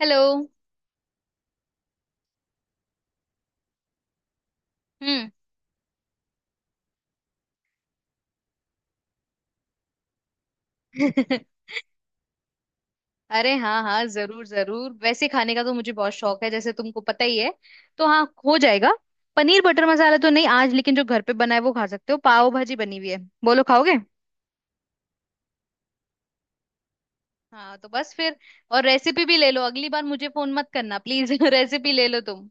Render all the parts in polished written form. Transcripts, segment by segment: Hello. हम्म। अरे हाँ हाँ, जरूर जरूर। वैसे खाने का तो मुझे बहुत शौक है, जैसे तुमको पता ही है। तो हाँ, हो जाएगा। पनीर बटर मसाला तो नहीं आज, लेकिन जो घर पे बना है वो खा सकते हो। पाव भाजी बनी हुई है, बोलो खाओगे? हाँ तो बस फिर, और रेसिपी भी ले लो, अगली बार मुझे फोन मत करना प्लीज। रेसिपी ले लो तुम।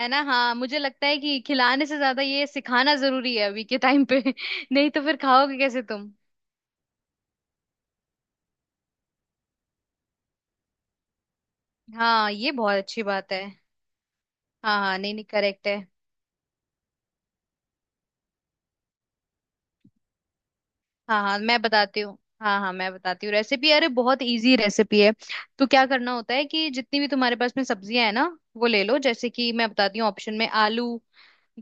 है ना, हाँ मुझे लगता है कि खिलाने से ज्यादा ये सिखाना जरूरी है अभी के टाइम पे। नहीं तो फिर खाओगे कैसे तुम। हाँ, ये बहुत अच्छी बात है। हाँ हाँ नहीं नहीं, करेक्ट है। हाँ हाँ मैं बताती हूँ। हाँ हाँ मैं बताती हूँ रेसिपी, अरे बहुत इजी रेसिपी है। तो क्या करना होता है कि जितनी भी तुम्हारे पास में सब्जियां है ना, वो ले लो। जैसे कि मैं बताती हूँ, ऑप्शन में आलू,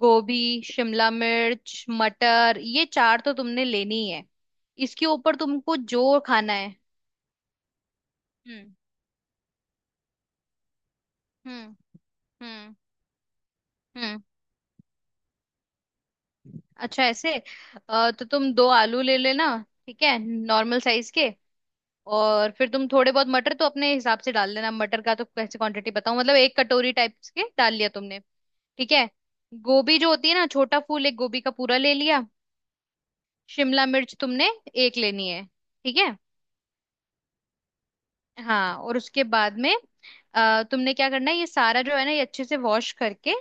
गोभी, शिमला मिर्च, मटर, ये चार तो तुमने लेनी ही है। इसके ऊपर तुमको जो खाना है। हम्म हम्म हम्म हम्म। अच्छा ऐसे, तो तुम दो आलू ले लेना। ठीक है, नॉर्मल साइज के। और फिर तुम थोड़े बहुत मटर तो अपने हिसाब से डाल लेना। मटर का तो कैसे क्वांटिटी बताऊं, मतलब एक कटोरी टाइप के डाल लिया तुमने। ठीक है। गोभी जो होती है ना छोटा फूल, एक गोभी का पूरा ले लिया। शिमला मिर्च तुमने एक लेनी है। ठीक है। हाँ और उसके बाद में तुमने क्या करना है, ये सारा जो है ना ये अच्छे से वॉश करके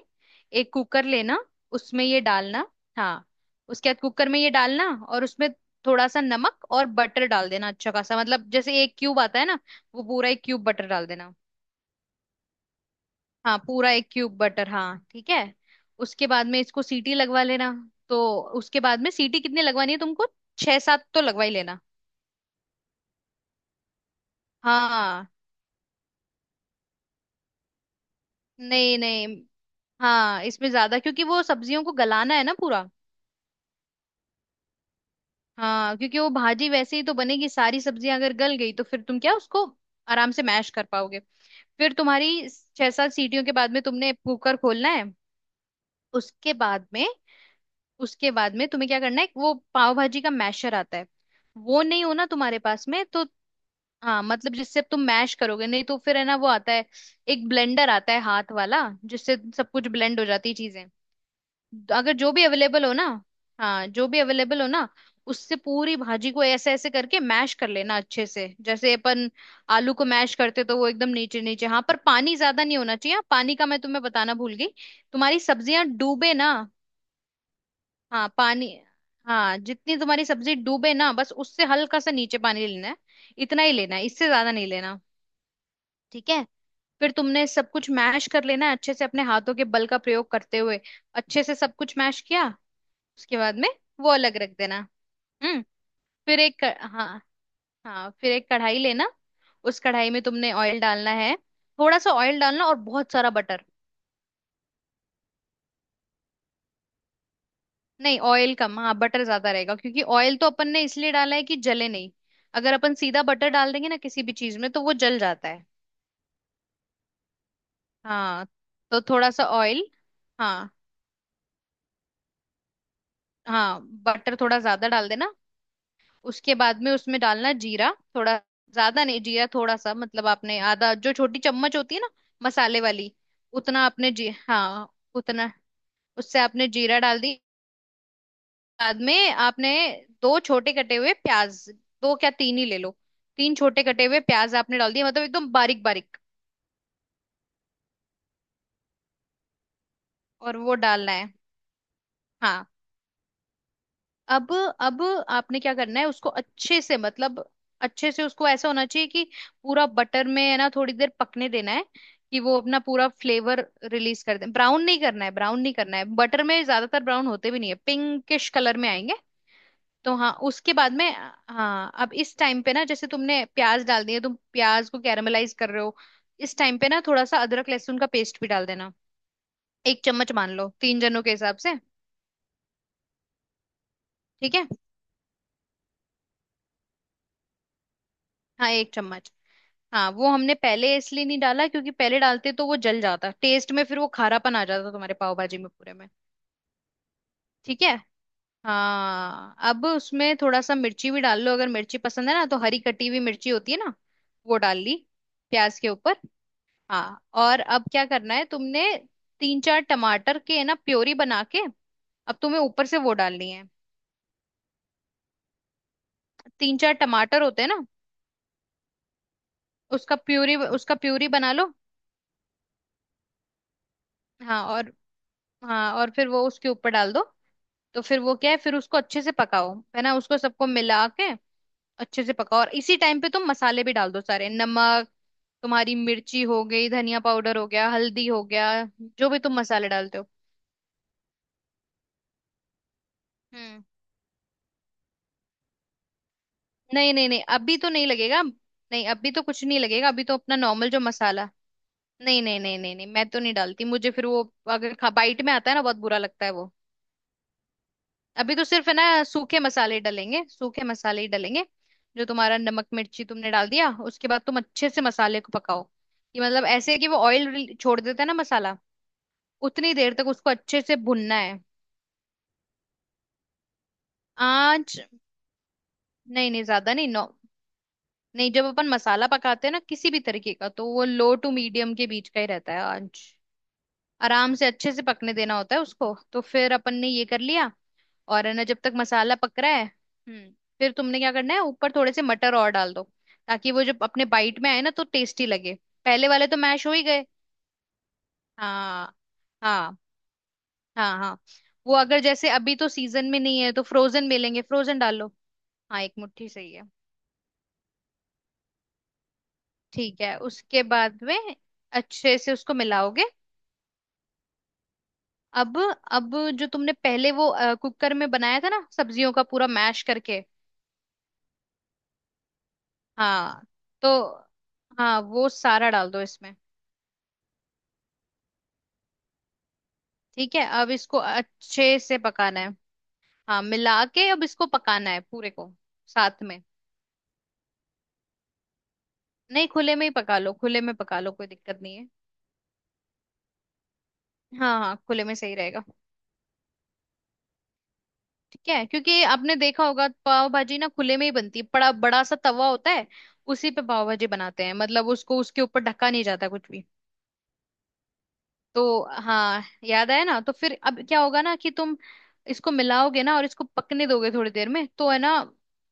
एक कुकर लेना। उसमें ये डालना। हाँ, उसके बाद कुकर में ये डालना। और उसमें थोड़ा सा नमक और बटर डाल देना अच्छा खासा, मतलब जैसे एक क्यूब आता है ना, वो पूरा एक क्यूब बटर डाल देना। हाँ पूरा एक क्यूब बटर, हाँ ठीक है। उसके बाद में इसको सीटी लगवा लेना। तो उसके बाद में सीटी कितनी लगवानी है तुमको? छह सात तो लगवा ही लेना। हाँ। नहीं नहीं। हाँ, इसमें ज्यादा क्योंकि वो सब्जियों को गलाना है ना पूरा। हाँ क्योंकि वो भाजी वैसे ही तो बनेगी, सारी सब्जियां अगर गल गई तो फिर तुम क्या उसको आराम से मैश कर पाओगे। फिर तुम्हारी छह सात सीटियों के बाद में तुमने कुकर खोलना है। उसके बाद में, उसके बाद में तुम्हें क्या करना है, वो पाव भाजी का मैशर आता है, वो नहीं हो ना तुम्हारे पास में तो। हाँ मतलब जिससे अब तुम मैश करोगे, नहीं तो फिर है ना वो आता है, एक ब्लेंडर आता है हाथ वाला, जिससे सब कुछ ब्लेंड हो जाती है चीजें। अगर जो भी अवेलेबल हो ना, हाँ जो भी अवेलेबल हो ना, उससे पूरी भाजी को ऐसे ऐसे करके मैश कर लेना अच्छे से, जैसे अपन आलू को मैश करते तो वो एकदम नीचे नीचे। हाँ पर पानी ज्यादा नहीं होना चाहिए, हाँ, पानी का मैं तुम्हें बताना भूल गई। तुम्हारी सब्जियां डूबे ना, हाँ पानी, हाँ जितनी तुम्हारी सब्जी डूबे ना, बस उससे हल्का सा नीचे पानी लेना है, इतना ही लेना है, इससे ज्यादा नहीं लेना। ठीक है। फिर तुमने सब कुछ मैश कर लेना है अच्छे से, अपने हाथों के बल का प्रयोग करते हुए अच्छे से सब कुछ मैश किया, उसके बाद में वो अलग रख देना। हम्म। फिर हाँ, हाँ फिर एक कढ़ाई लेना। उस कढ़ाई में तुमने ऑयल डालना है, थोड़ा सा ऑयल डालना और बहुत सारा बटर। नहीं ऑयल कम, हाँ बटर ज्यादा रहेगा, क्योंकि ऑयल तो अपन ने इसलिए डाला है कि जले नहीं। अगर अपन सीधा बटर डाल देंगे ना किसी भी चीज में तो वो जल जाता है। हाँ, तो थोड़ा सा ऑयल। हाँ हाँ बटर थोड़ा ज्यादा डाल देना। उसके बाद में उसमें डालना जीरा थोड़ा, ज्यादा नहीं जीरा थोड़ा सा, मतलब आपने आधा जो छोटी चम्मच होती है ना मसाले वाली, उतना। आपने जी हाँ उतना। उससे आपने जीरा डाल दी। बाद में आपने दो छोटे कटे हुए प्याज, दो क्या तीन ही ले लो, तीन छोटे कटे हुए प्याज आपने डाल दिए, मतलब एकदम बारीक बारीक। और वो डालना है। हाँ। अब अब आपने क्या करना है, उसको अच्छे से मतलब अच्छे से उसको ऐसा होना चाहिए कि पूरा बटर में है ना थोड़ी देर पकने देना है कि वो अपना पूरा फ्लेवर रिलीज कर दे। ब्राउन नहीं करना है, ब्राउन नहीं करना है, बटर में ज्यादातर ब्राउन होते भी नहीं है, पिंकिश कलर में आएंगे। तो हाँ उसके बाद में, हाँ अब इस टाइम पे ना जैसे तुमने प्याज डाल दिए, तुम प्याज को कैरामलाइज कर रहे हो, इस टाइम पे ना थोड़ा सा अदरक लहसुन का पेस्ट भी डाल देना, एक चम्मच, मान लो तीन जनों के हिसाब से। ठीक है, हाँ एक चम्मच। हाँ वो हमने पहले इसलिए नहीं डाला क्योंकि पहले डालते तो वो जल जाता टेस्ट में, फिर वो खारापन आ जाता तुम्हारे पाव भाजी में पूरे में। ठीक है। हाँ, अब उसमें थोड़ा सा मिर्ची भी डाल लो अगर मिर्ची पसंद है ना, तो हरी कटी हुई मिर्ची होती है ना, वो डाल ली प्याज के ऊपर। हाँ और अब क्या करना है तुमने, तीन चार टमाटर के है ना प्योरी बना के, अब तुम्हें ऊपर से वो डालनी है। तीन चार टमाटर होते हैं ना, उसका प्यूरी, उसका प्यूरी बना लो। हाँ, और हाँ और फिर वो उसके ऊपर डाल दो, तो फिर वो क्या है फिर उसको अच्छे से पकाओ है ना, उसको सबको मिला के अच्छे से पकाओ। और इसी टाइम पे तुम मसाले भी डाल दो सारे, नमक, तुम्हारी मिर्ची हो गई, धनिया पाउडर हो गया, हल्दी हो गया, जो भी तुम मसाले डालते हो। हम्म। नहीं नहीं नहीं, अभी तो नहीं लगेगा, नहीं अभी तो कुछ नहीं लगेगा, अभी तो अपना नॉर्मल जो मसाला। नहीं नहीं नहीं नहीं नहीं, मैं तो नहीं डालती मुझे, फिर वो अगर खा बाइट में आता है ना बहुत बुरा लगता है वो। अभी तो सिर्फ है ना सूखे मसाले डलेंगे, सूखे मसाले ही डलेंगे। जो तुम्हारा नमक मिर्ची तुमने डाल दिया, उसके बाद तुम अच्छे से मसाले को पकाओ, कि मतलब ऐसे कि वो ऑयल छोड़ देता है ना मसाला, उतनी देर तक उसको अच्छे से भुनना है। आंच, नहीं नहीं ज्यादा नहीं, नो। नहीं, जब अपन मसाला पकाते हैं ना किसी भी तरीके का, तो वो लो टू मीडियम के बीच का ही रहता है आंच। आराम से अच्छे से पकने देना होता है उसको, तो फिर अपन ने ये कर लिया। और है ना जब तक मसाला पक रहा है। हम्म। फिर तुमने क्या करना है, ऊपर थोड़े से मटर और डाल दो, ताकि वो जब अपने बाइट में आए ना तो टेस्टी लगे। पहले वाले तो मैश हो ही गए। हाँ। हाँ हाँ। हाँ, वो अगर जैसे अभी तो सीजन में नहीं है तो फ्रोजन मिलेंगे, फ्रोजन डालो। हाँ एक मुट्ठी सही है। ठीक है उसके बाद में अच्छे से उसको मिलाओगे। अब अब जो तुमने पहले वो कुकर में बनाया था ना, सब्जियों का पूरा मैश करके। हाँ, तो हाँ वो सारा डाल दो इसमें। ठीक है अब इसको अच्छे से पकाना है। हाँ मिला के अब इसको पकाना है पूरे को साथ में। नहीं खुले में ही पका लो, खुले में पका लो, कोई दिक्कत नहीं है। हाँ हाँ खुले में सही रहेगा। ठीक है, क्योंकि आपने देखा होगा पाव भाजी ना खुले में ही बनती है, बड़ा बड़ा सा तवा होता है उसी पे पाव भाजी बनाते हैं, मतलब उसको उसके ऊपर ढका नहीं जाता कुछ भी। तो हाँ याद आया ना, तो फिर अब क्या होगा ना कि तुम इसको मिलाओगे ना और इसको पकने दोगे, थोड़ी देर में तो है ना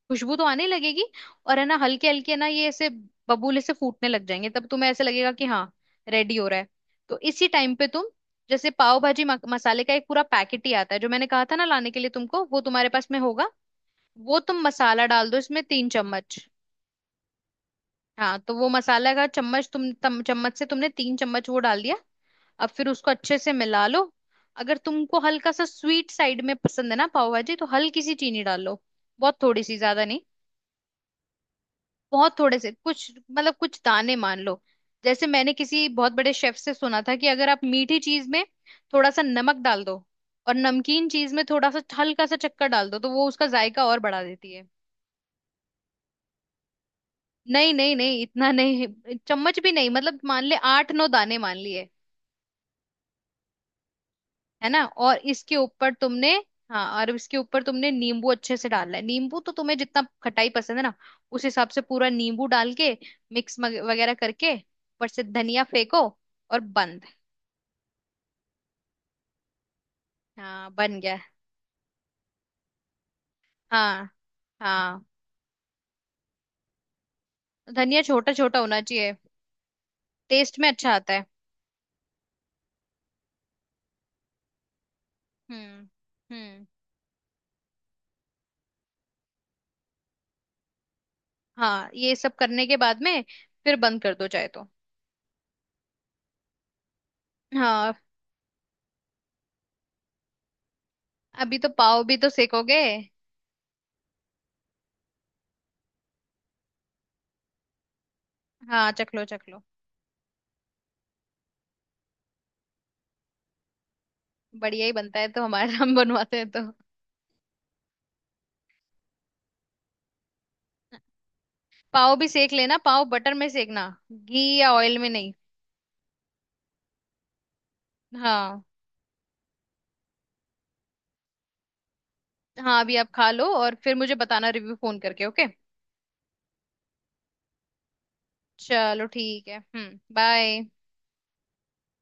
खुशबू तो आने लगेगी। और है ना हल्के हल्के ना ये ऐसे बबूले से फूटने लग जाएंगे, तब तुम्हें ऐसे लगेगा कि हाँ रेडी हो रहा है। तो इसी टाइम पे तुम, जैसे पाव भाजी मसाले का एक पूरा पैकेट ही आता है जो मैंने कहा था ना लाने के लिए तुमको, वो तुम्हारे पास में होगा, वो तुम मसाला डाल दो इसमें, तीन चम्मच। हाँ तो वो मसाला का चम्मच तुम चम्मच से तुमने तीन चम्मच वो डाल दिया। अब फिर उसको अच्छे से मिला लो। अगर तुमको हल्का सा स्वीट साइड में पसंद है ना पाव भाजी, तो हल्की सी चीनी डालो, बहुत थोड़ी सी, ज्यादा नहीं। बहुत थोड़े से, कुछ मतलब कुछ दाने मान लो। जैसे मैंने किसी बहुत बड़े शेफ से सुना था, कि अगर आप मीठी चीज में थोड़ा सा नमक डाल दो और नमकीन चीज में थोड़ा सा हल्का सा चक्कर डाल दो तो वो उसका जायका और बढ़ा देती है। नहीं नहीं नहीं इतना नहीं, चम्मच भी नहीं, मतलब मान ले आठ नौ दाने मान लिए। है ना, और इसके ऊपर तुमने, हाँ और इसके ऊपर तुमने नींबू अच्छे से डालना है। नींबू तो तुम्हें जितना खटाई पसंद है ना, उस हिसाब से पूरा नींबू डाल के मिक्स वगैरह करके ऊपर से धनिया फेंको, और बंद। हाँ बन गया। हाँ हाँ, धनिया छोटा छोटा होना चाहिए, टेस्ट में अच्छा आता है। हम्म हम्म। हाँ ये सब करने के बाद में फिर बंद कर दो चाहे तो। हाँ अभी तो पाव भी तो सेकोगे। हाँ चख लो चख लो। बढ़िया ही बनता है तो हमारा, हम बनवाते हैं तो। पाव भी सेक लेना, पाव बटर में सेकना घी या ऑयल में नहीं। हाँ हाँ अभी आप खा लो और फिर मुझे बताना रिव्यू फोन करके, ओके। चलो ठीक है, बाय।